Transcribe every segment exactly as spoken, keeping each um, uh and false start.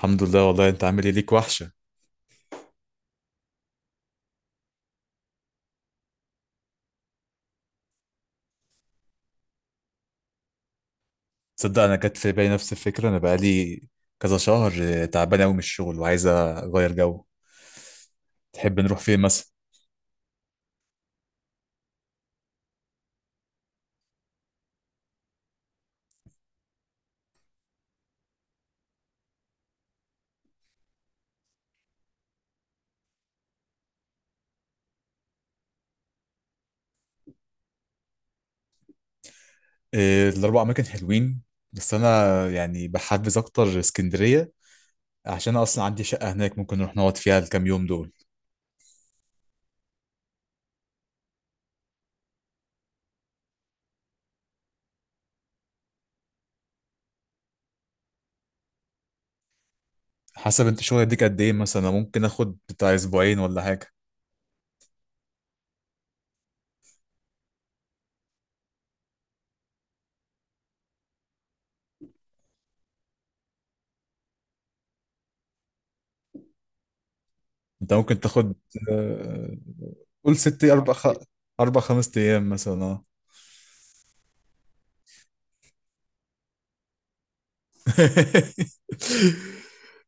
الحمد لله. والله انت عامل ايه؟ ليك وحشه. تصدق انا جت في بالي نفس الفكره، انا بقالي كذا شهر تعبان قوي من الشغل وعايز اغير جو. تحب نروح فين مثلا؟ إيه، الاربع اماكن حلوين، بس انا يعني بحبذ اكتر اسكندريه عشان انا اصلا عندي شقه هناك، ممكن نروح نقعد فيها الكام يوم دول. حسب انت شغل يديك قد ايه، مثلا انا ممكن اخد بتاع اسبوعين ولا حاجه. انت ممكن تاخد آه، قول ست، اربع خ... اربع خمس ايام مثلا، اه.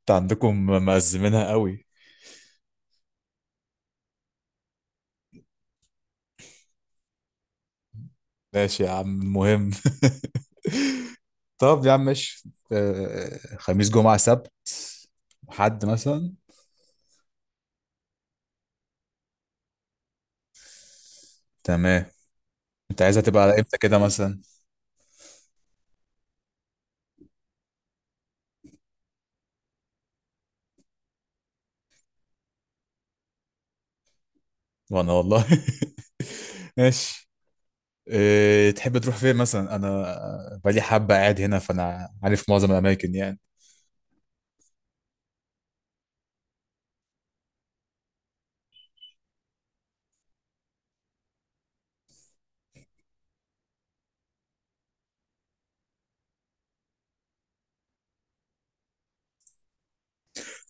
انت عندكم مأزمينها قوي. ماشي يا عم، المهم. طب يا عم ماشي، آه، خميس جمعة سبت، حد مثلا؟ تمام. انت عايزها تبقى على امتى كده مثلا؟ وانا والله. ماشي. إيه تحب تروح فين مثلا؟ انا بقالي حبة قاعد هنا فانا عارف معظم الاماكن يعني.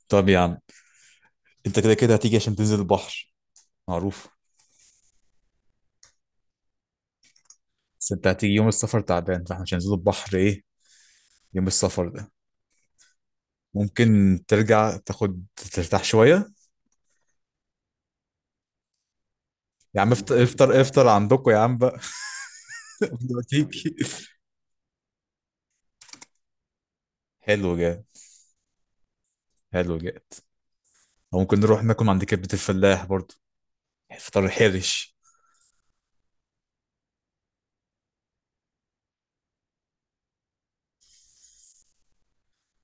طب يا عم، انت كده كده هتيجي عشان تنزل البحر، معروف. بس انت هتيجي يوم السفر تعبان، فاحنا مش هننزل البحر ايه يوم السفر ده. ممكن ترجع تاخد، ترتاح شوية. يا عم افطر، افطر، افطر عندكم يا عم بقى، قبل ما تيجي. حلو جاد، حلو جاد. أو ممكن نروح ناكل من عند كبدة الفلاح برضو، فطار حرش.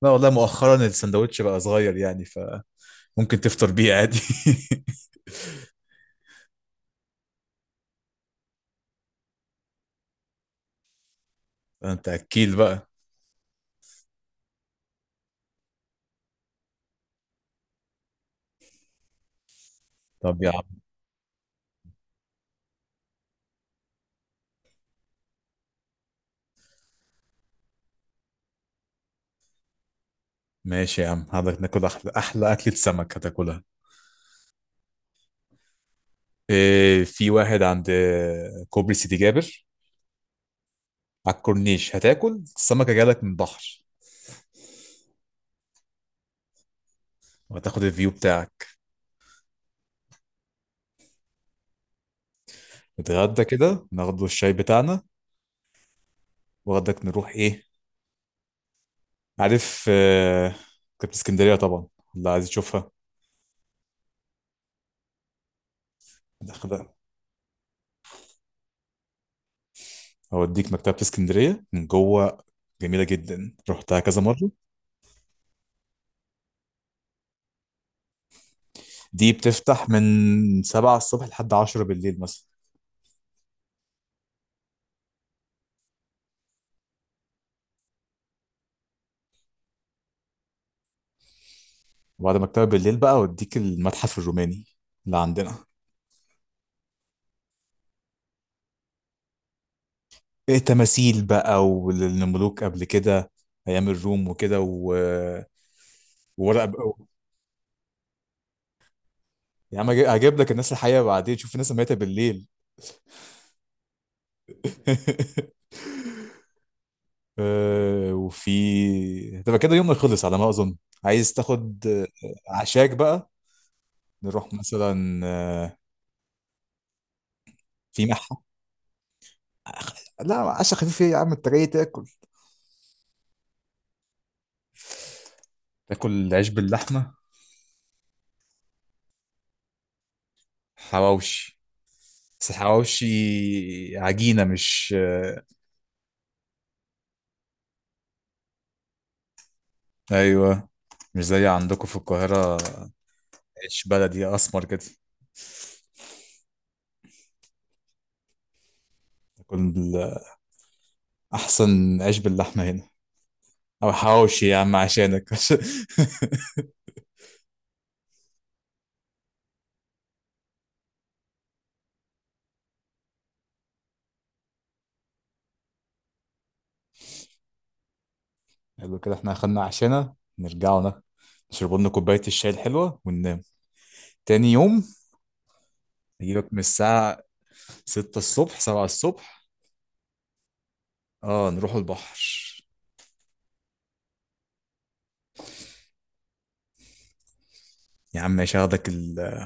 لا والله، مؤخرا السندوتش بقى صغير يعني، فممكن تفطر بيه عادي. انت اكيل بقى. طب يا عم، ماشي يا عم حضرتك، ناكل احلى احلى اكلة سمك هتاكلها. إيه، في واحد عند كوبري سيدي جابر على الكورنيش، هتاكل السمكة جالك من البحر، وهتاخد الفيو بتاعك. نتغدى كده، ناخد الشاي بتاعنا. وغدك نروح ايه؟ عارف، آه، مكتبة اسكندرية طبعا، اللي عايز تشوفها. داخل- أوديك مكتبة اسكندرية من جوه، جميلة جدا، رحتها كذا مرة. دي بتفتح من سبعة الصبح لحد عشرة بالليل مثلا. وبعد مكتبة بالليل بقى أوديك المتحف الروماني اللي عندنا. إيه، تماثيل بقى والملوك قبل كده، أيام الروم وكده و... وورق بقى. يا عم، أجي- هجيب لك الناس الحقيقة بعدين، شوف الناس اللي ماتت بالليل. آه، وفي تبقى كده يومنا خلص على ما اظن. عايز تاخد آه، عشاك بقى؟ نروح مثلا، آه، في مح لا، عشا خفيف ايه يا عم، انت جاي تاكل. تاكل عيش باللحمه، حواوشي، بس حواوشي عجينه مش آه، ايوه. مش زي عندكم في القاهره، عيش بلدي اسمر كده. تاكل بال- احسن عيش باللحمه هنا، او حواوشي يا عم عشانك. حلو كده، احنا اخدنا عشانا نرجعوا نا- نشرب لنا كوباية الشاي الحلوة وننام. تاني يوم نجيبك من الساعة ستة الصبح، سبعة الصبح، اه نروح البحر. يا عم ماشي، هاخدك ال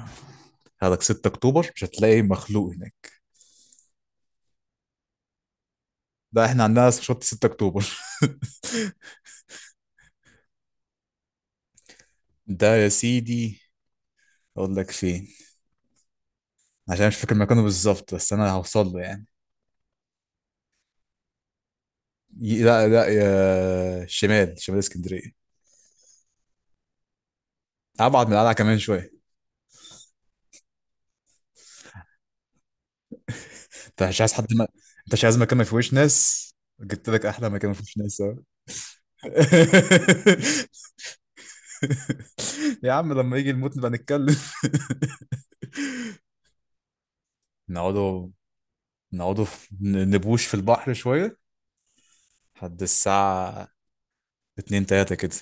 هاخدك ستة اكتوبر، مش هتلاقي مخلوق هناك. ده احنا عندنا شط ستة اكتوبر. ده يا سيدي، اقول لك فين، عشان مش فاكر مكانه بالظبط بس انا هوصل له يعني. ي- لا لا، يا شمال، شمال اسكندرية، ابعد من القلعة كمان شوية. انت مش عايز حد، ما انت مش عايز مكان ما فيهوش ناس، جبت لك احلى مكان ما فيهوش ناس اهو. يا عم لما يجي الموت نبقى نتكلم. نقعدوا نقعدوا في- ن- نبوش في البحر شويه لحد الساعه اتنين، تلاتة كده.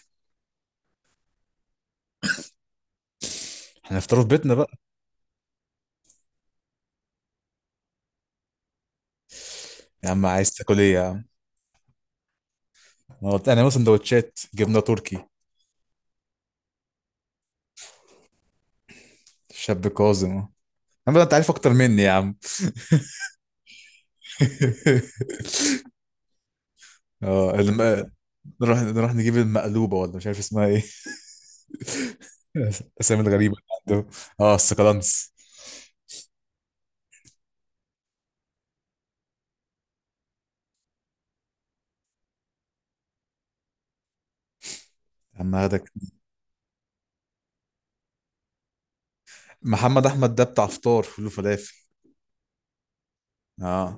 هنفطروا في بيتنا بقى. يا عم عايز تاكل ايه يا عم؟ انا قلت انا مثلا سندوتشات جبنه تركي. شاب كاظم اهو. يا عم ده انت عارف اكتر مني يا عم. اه الم... نروح نروح نجيب المقلوبه، ولا مش عارف اسمها ايه. الاسامي الغريبه اللي عنده. اه، السكالانس. عم اخدك، محمد احمد ده بتاع فطار فول وفلافل، اه.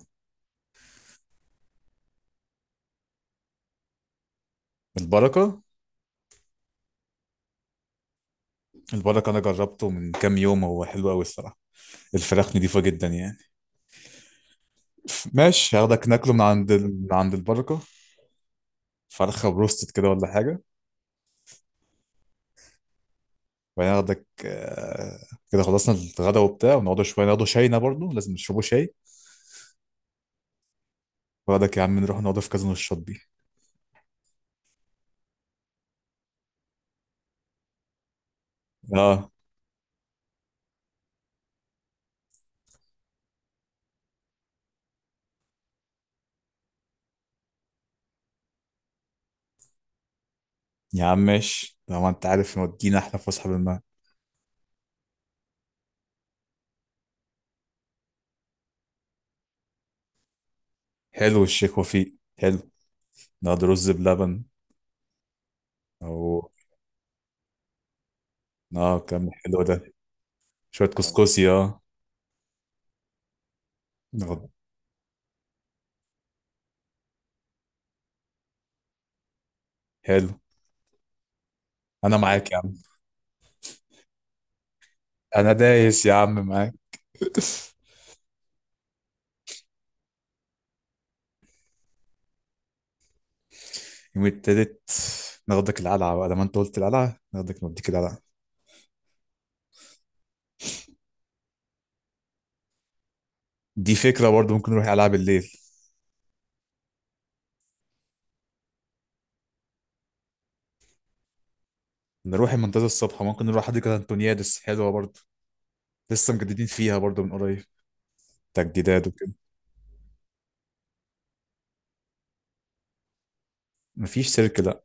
البركه، البركه انا جربته من كام يوم، هو حلو قوي الصراحه، الفراخ نضيفه جدا يعني. ماشي، هاخدك ناكله من عند ال... من عند البركه، فرخه بروستد كده ولا حاجه. وبعدين هاخدك، آه، كده خلصنا الغدا وبتاع، ونقعد شويه، نقعد شاينا برضه، لازم نشربوا شاي. واخدك يا عم نروح نقعد في كازينو الشاطبي، اه. يا عم ماشي طبعا، انت عارف مودينا احنا فسحه بالمعنى. حلو الشيخ وفيق، حلو، نقعد رز بلبن او اه، كم حلو ده. شوية كسكسي، اه، ناخد. حلو، انا معاك يا عم. انا دايس يا عم معاك. يوم التالت، ناخدك القلعة بقى، لما انت قلت القلعة ناخدك، نوديك القلعة. دي فكرة برضه، ممكن نروح القلعة بالليل. نروح المنتزه الصبح، ممكن نروح حديقة أنتونيادس، حلوة برضه، لسه مجددين فيها برضه من قريب، تجديدات وكده. مفيش سيرك، لا.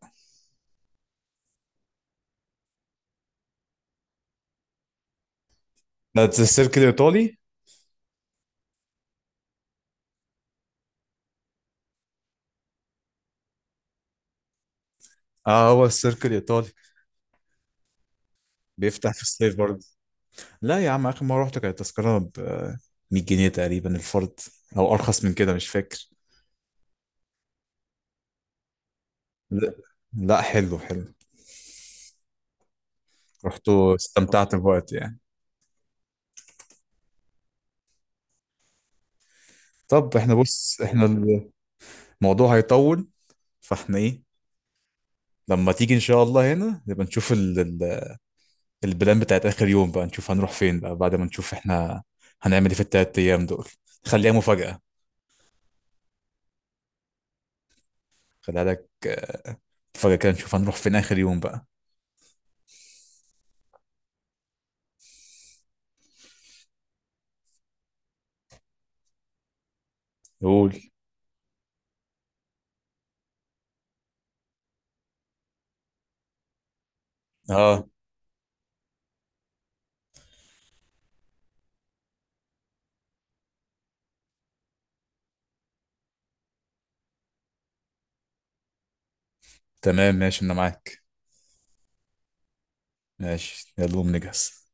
ده السيرك الإيطالي. اه، هو السيرك الإيطالي بيفتح في الصيف برضه. لا يا عم، آخر مرة رحت كانت التذكرة ب مية جنيه تقريبا الفرد، أو أرخص من كده مش فاكر. لا، لا، حلو حلو، رحت واستمتعت بوقت يعني. طب احنا بص، احنا الموضوع هيطول، فاحنا ايه لما تيجي ان شاء الله هنا نبقى نشوف ال... ال- البلان بتاعت آخر يوم بقى، نشوف هنروح فين بقى بعد ما نشوف احنا هنعمل ايه في التلات أيام دول. خليها مفاجأة، خليها لك مفاجأة كده، نشوف هنروح فين آخر يوم بقى. قول، اه، تمام ماشي أنا معاك. ماشي، يلا قوم نجهز.